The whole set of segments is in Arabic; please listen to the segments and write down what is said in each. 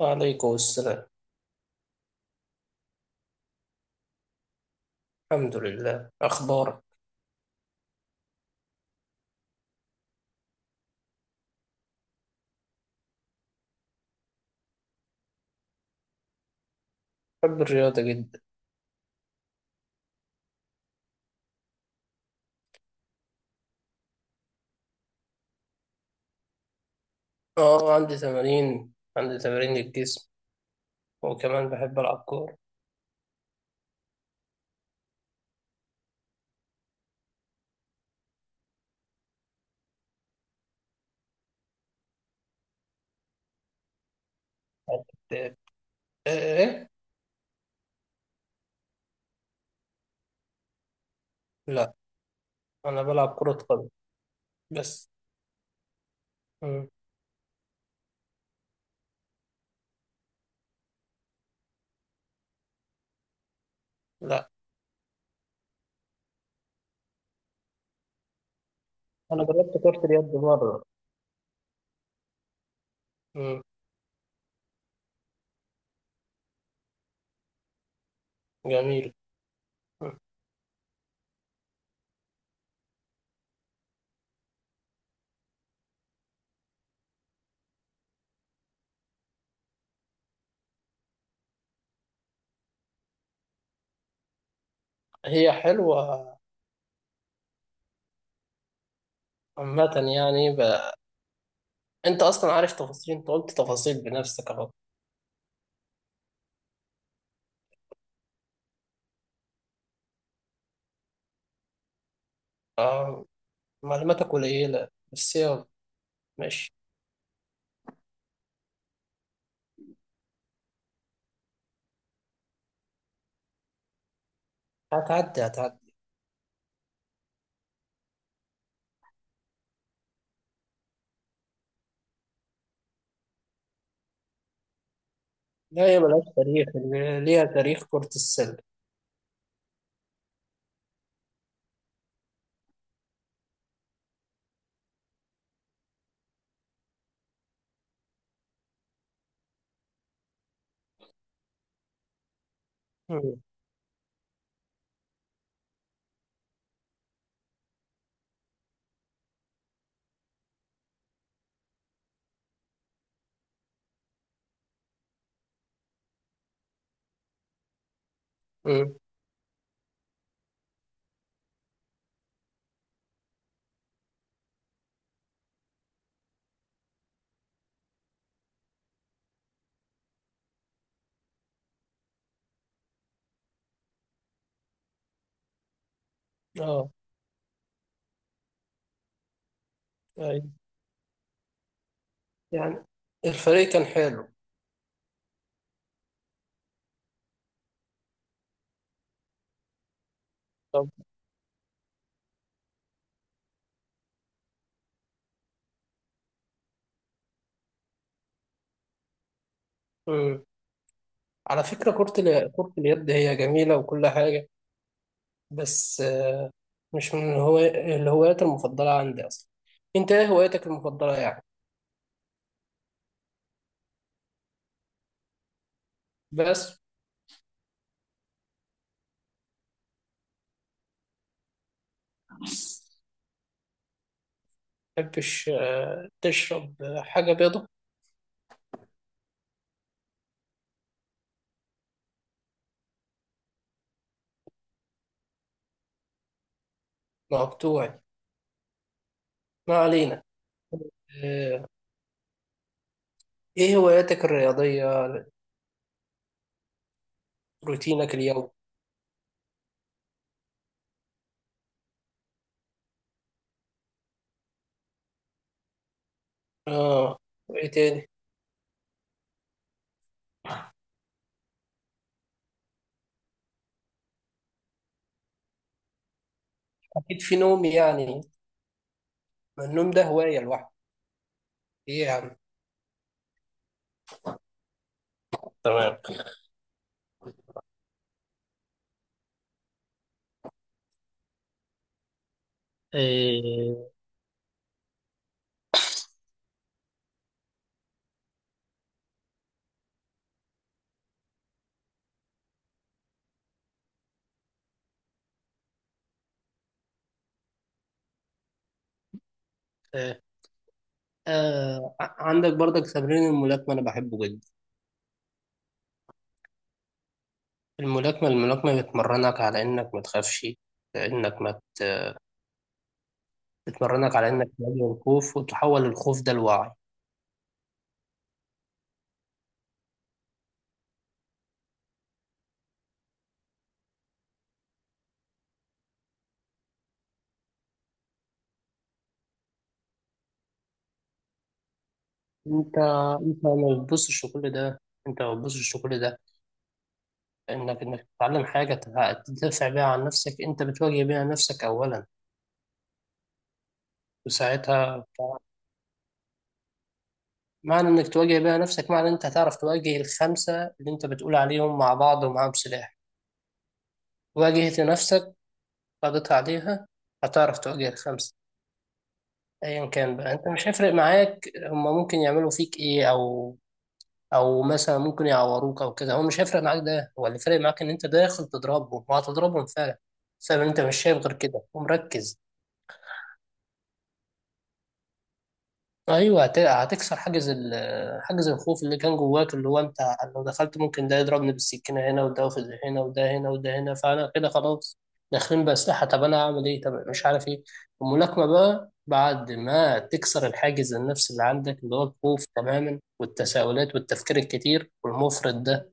وعليكم السلام. الحمد لله، أخبارك؟ بحب الرياضة جدا. أه، عندي تمارين الجسم، وكمان بحب ألعب كورة. إيه. إيه. لا، أنا بلعب كرة قدم بس. مم. لا، أنا جربت كرة اليد مرة. مم. جميل. مم. هي حلوة عامة، يعني أنت أصلا عارف تفاصيل، أنت قلت تفاصيل بنفسك أهو. آه، معلوماتك قليلة، بس يلا ماشي. هتعدي، هتعدي. لا، هي ملهاش تاريخ، اللي ليها تاريخ كرة السلة. مم. مم. اه، ايوه، يعني الفريق كان حلو. طب. مم. على فكرة، كرة اليد هي جميلة وكل حاجة، بس مش من الهوايات المفضلة عندي أصلا. أنت إيه هوايتك المفضلة يعني؟ بس. متحبش تشرب حاجة بيضة؟ مقطوعي، ما علينا. آه، إيه هواياتك الرياضية؟ روتينك اليومي؟ آه، وإيه تاني؟ أكيد في نوم يعني، ما النوم ده هواية لوحده، ايه يا عم. تمام. إيه. إيه. عندك برضك تمرين الملاكمة، أنا بحبه جدا. الملاكمة بتمرنك على إنك ما تخافش، إنك ما ت- بتمرنك على إنك تواجه الخوف، وتحول الخوف ده لوعي. أنت أنت ما بتبصش لكل ده، أنت ما بتبصش لكل ده. إنك تتعلم حاجة تدافع بيها عن نفسك، أنت بتواجه بيها نفسك أولا. وساعتها معنى انك تواجه بيها نفسك، معنى انت هتعرف تواجه الخمسة اللي انت بتقول عليهم مع بعض ومعاهم سلاح. واجهت نفسك، قضيت عليها، هتعرف تواجه الخمسة. ايا كان بقى، انت مش هيفرق معاك، هما ممكن يعملوا فيك ايه، او او مثلا ممكن يعوروك او كده، هو مش هيفرق معاك. ده هو اللي فارق معاك، ان انت داخل تضربهم وهتضربهم فعلا، بسبب ان انت مش شايف غير كده ومركز. ايوه، هتكسر حاجز الخوف اللي كان جواك، اللي هو انت لو دخلت ممكن ده يضربني بالسكينه هنا، وده في هنا، وده هنا، وده هنا، فانا كده خلاص، داخلين باسلحه، طب انا هعمل ايه، طب مش عارف ايه. الملاكمه بقى بعد ما تكسر الحاجز النفسي اللي عندك، اللي هو الخوف تماما والتساؤلات والتفكير الكتير والمفرط ده،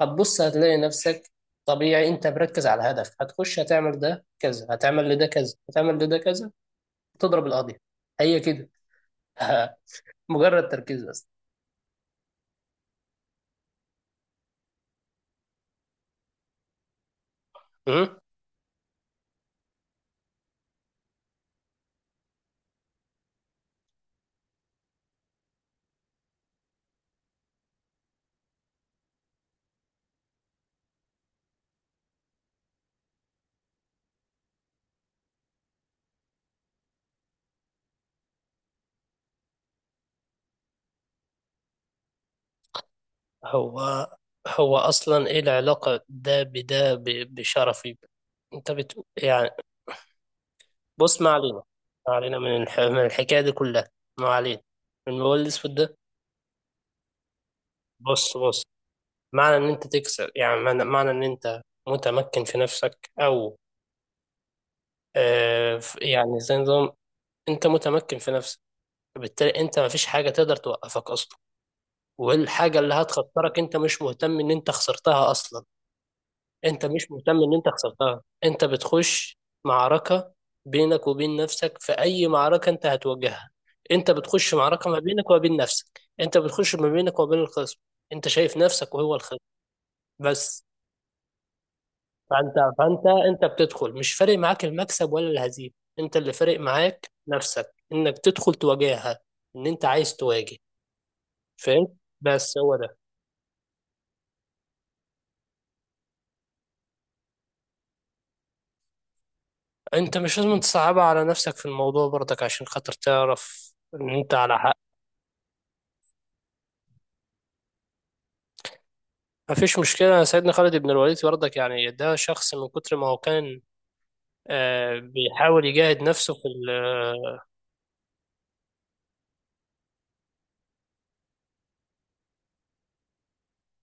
هتبص هتلاقي نفسك طبيعي، انت مركز على هدف، هتخش هتعمل ده كذا، هتعمل لده كذا، هتعمل لده كذا، تضرب القاضي. هي كده. مجرد تركيز بس. مم؟ هو هو أصلا إيه العلاقة ده بده بشرفي؟ أنت يعني. بص، ما علينا، ما علينا من من الحكاية دي كلها، ما علينا من الموبايل الأسود ده. بص، بص، معنى إن أنت تكسب يعني، معنى إن أنت متمكن في نفسك، أو يعني زي نظام. أنت متمكن في نفسك، بالتالي أنت مفيش حاجة تقدر توقفك أصلا، والحاجة اللي هتخطرك أنت مش مهتم إن أنت خسرتها أصلا. انت مش مهتم ان انت خسرتها، انت بتخش معركة بينك وبين نفسك. في اي معركة انت هتواجهها، انت بتخش معركة ما بينك وما بين نفسك، انت بتخش ما بينك وما بين الخصم. انت شايف نفسك وهو الخصم، بس. فانت فانت انت بتدخل، مش فارق معاك المكسب ولا الهزيمة، انت اللي فارق معاك نفسك، انك تدخل تواجهها، ان انت عايز تواجه. فهمت؟ بس هو ده. انت مش لازم تصعبها على نفسك في الموضوع برضك، عشان خاطر تعرف ان انت على حق. مفيش مشكلة، سيدنا خالد بن الوليد برضك يعني، ده شخص من كتر ما هو كان بيحاول يجاهد نفسه في ال آه،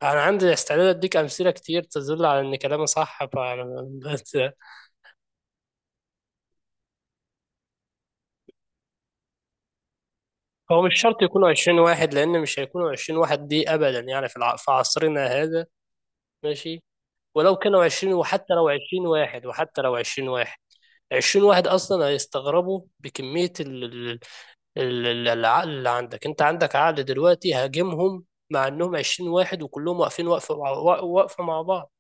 أنا عندي استعداد أديك أمثلة كتير تدل على إن كلامي صح، بس. هو مش شرط يكونوا 20 واحد، لأن مش هيكونوا 20 واحد دي أبدا يعني في عصرنا هذا. ماشي، ولو كانوا 20، وحتى لو 20 واحد، وحتى لو 20 واحد، 20 واحد أصلا هيستغربوا بكمية العقل اللي عندك. انت عندك عقل دلوقتي، هاجمهم مع انهم 20 واحد وكلهم واقفين، واقفه مع بعض.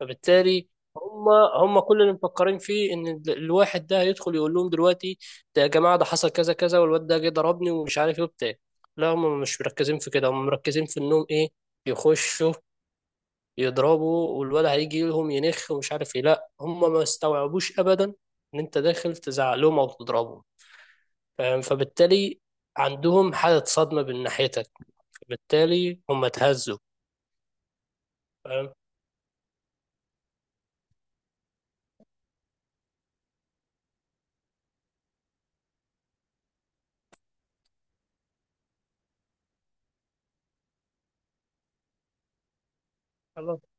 فبالتالي هم هم كل اللي مفكرين فيه ان الواحد ده هيدخل يقول لهم دلوقتي، ده يا جماعه ده حصل كذا كذا والواد ده جه ضربني ومش عارف ايه وبتاع. لا، هم مش مركزين في كده، هم مركزين في انهم ايه، يخشوا يضربوا، والواد هيجي لهم ينخ ومش عارف ايه. لا، هم ما استوعبوش ابدا ان انت داخل تزعق لهم او تضربهم. فاهم؟ فبالتالي عندهم حالة صدمة من ناحيتك، فبالتالي هم اتهزوا. فاهم؟ خلاص.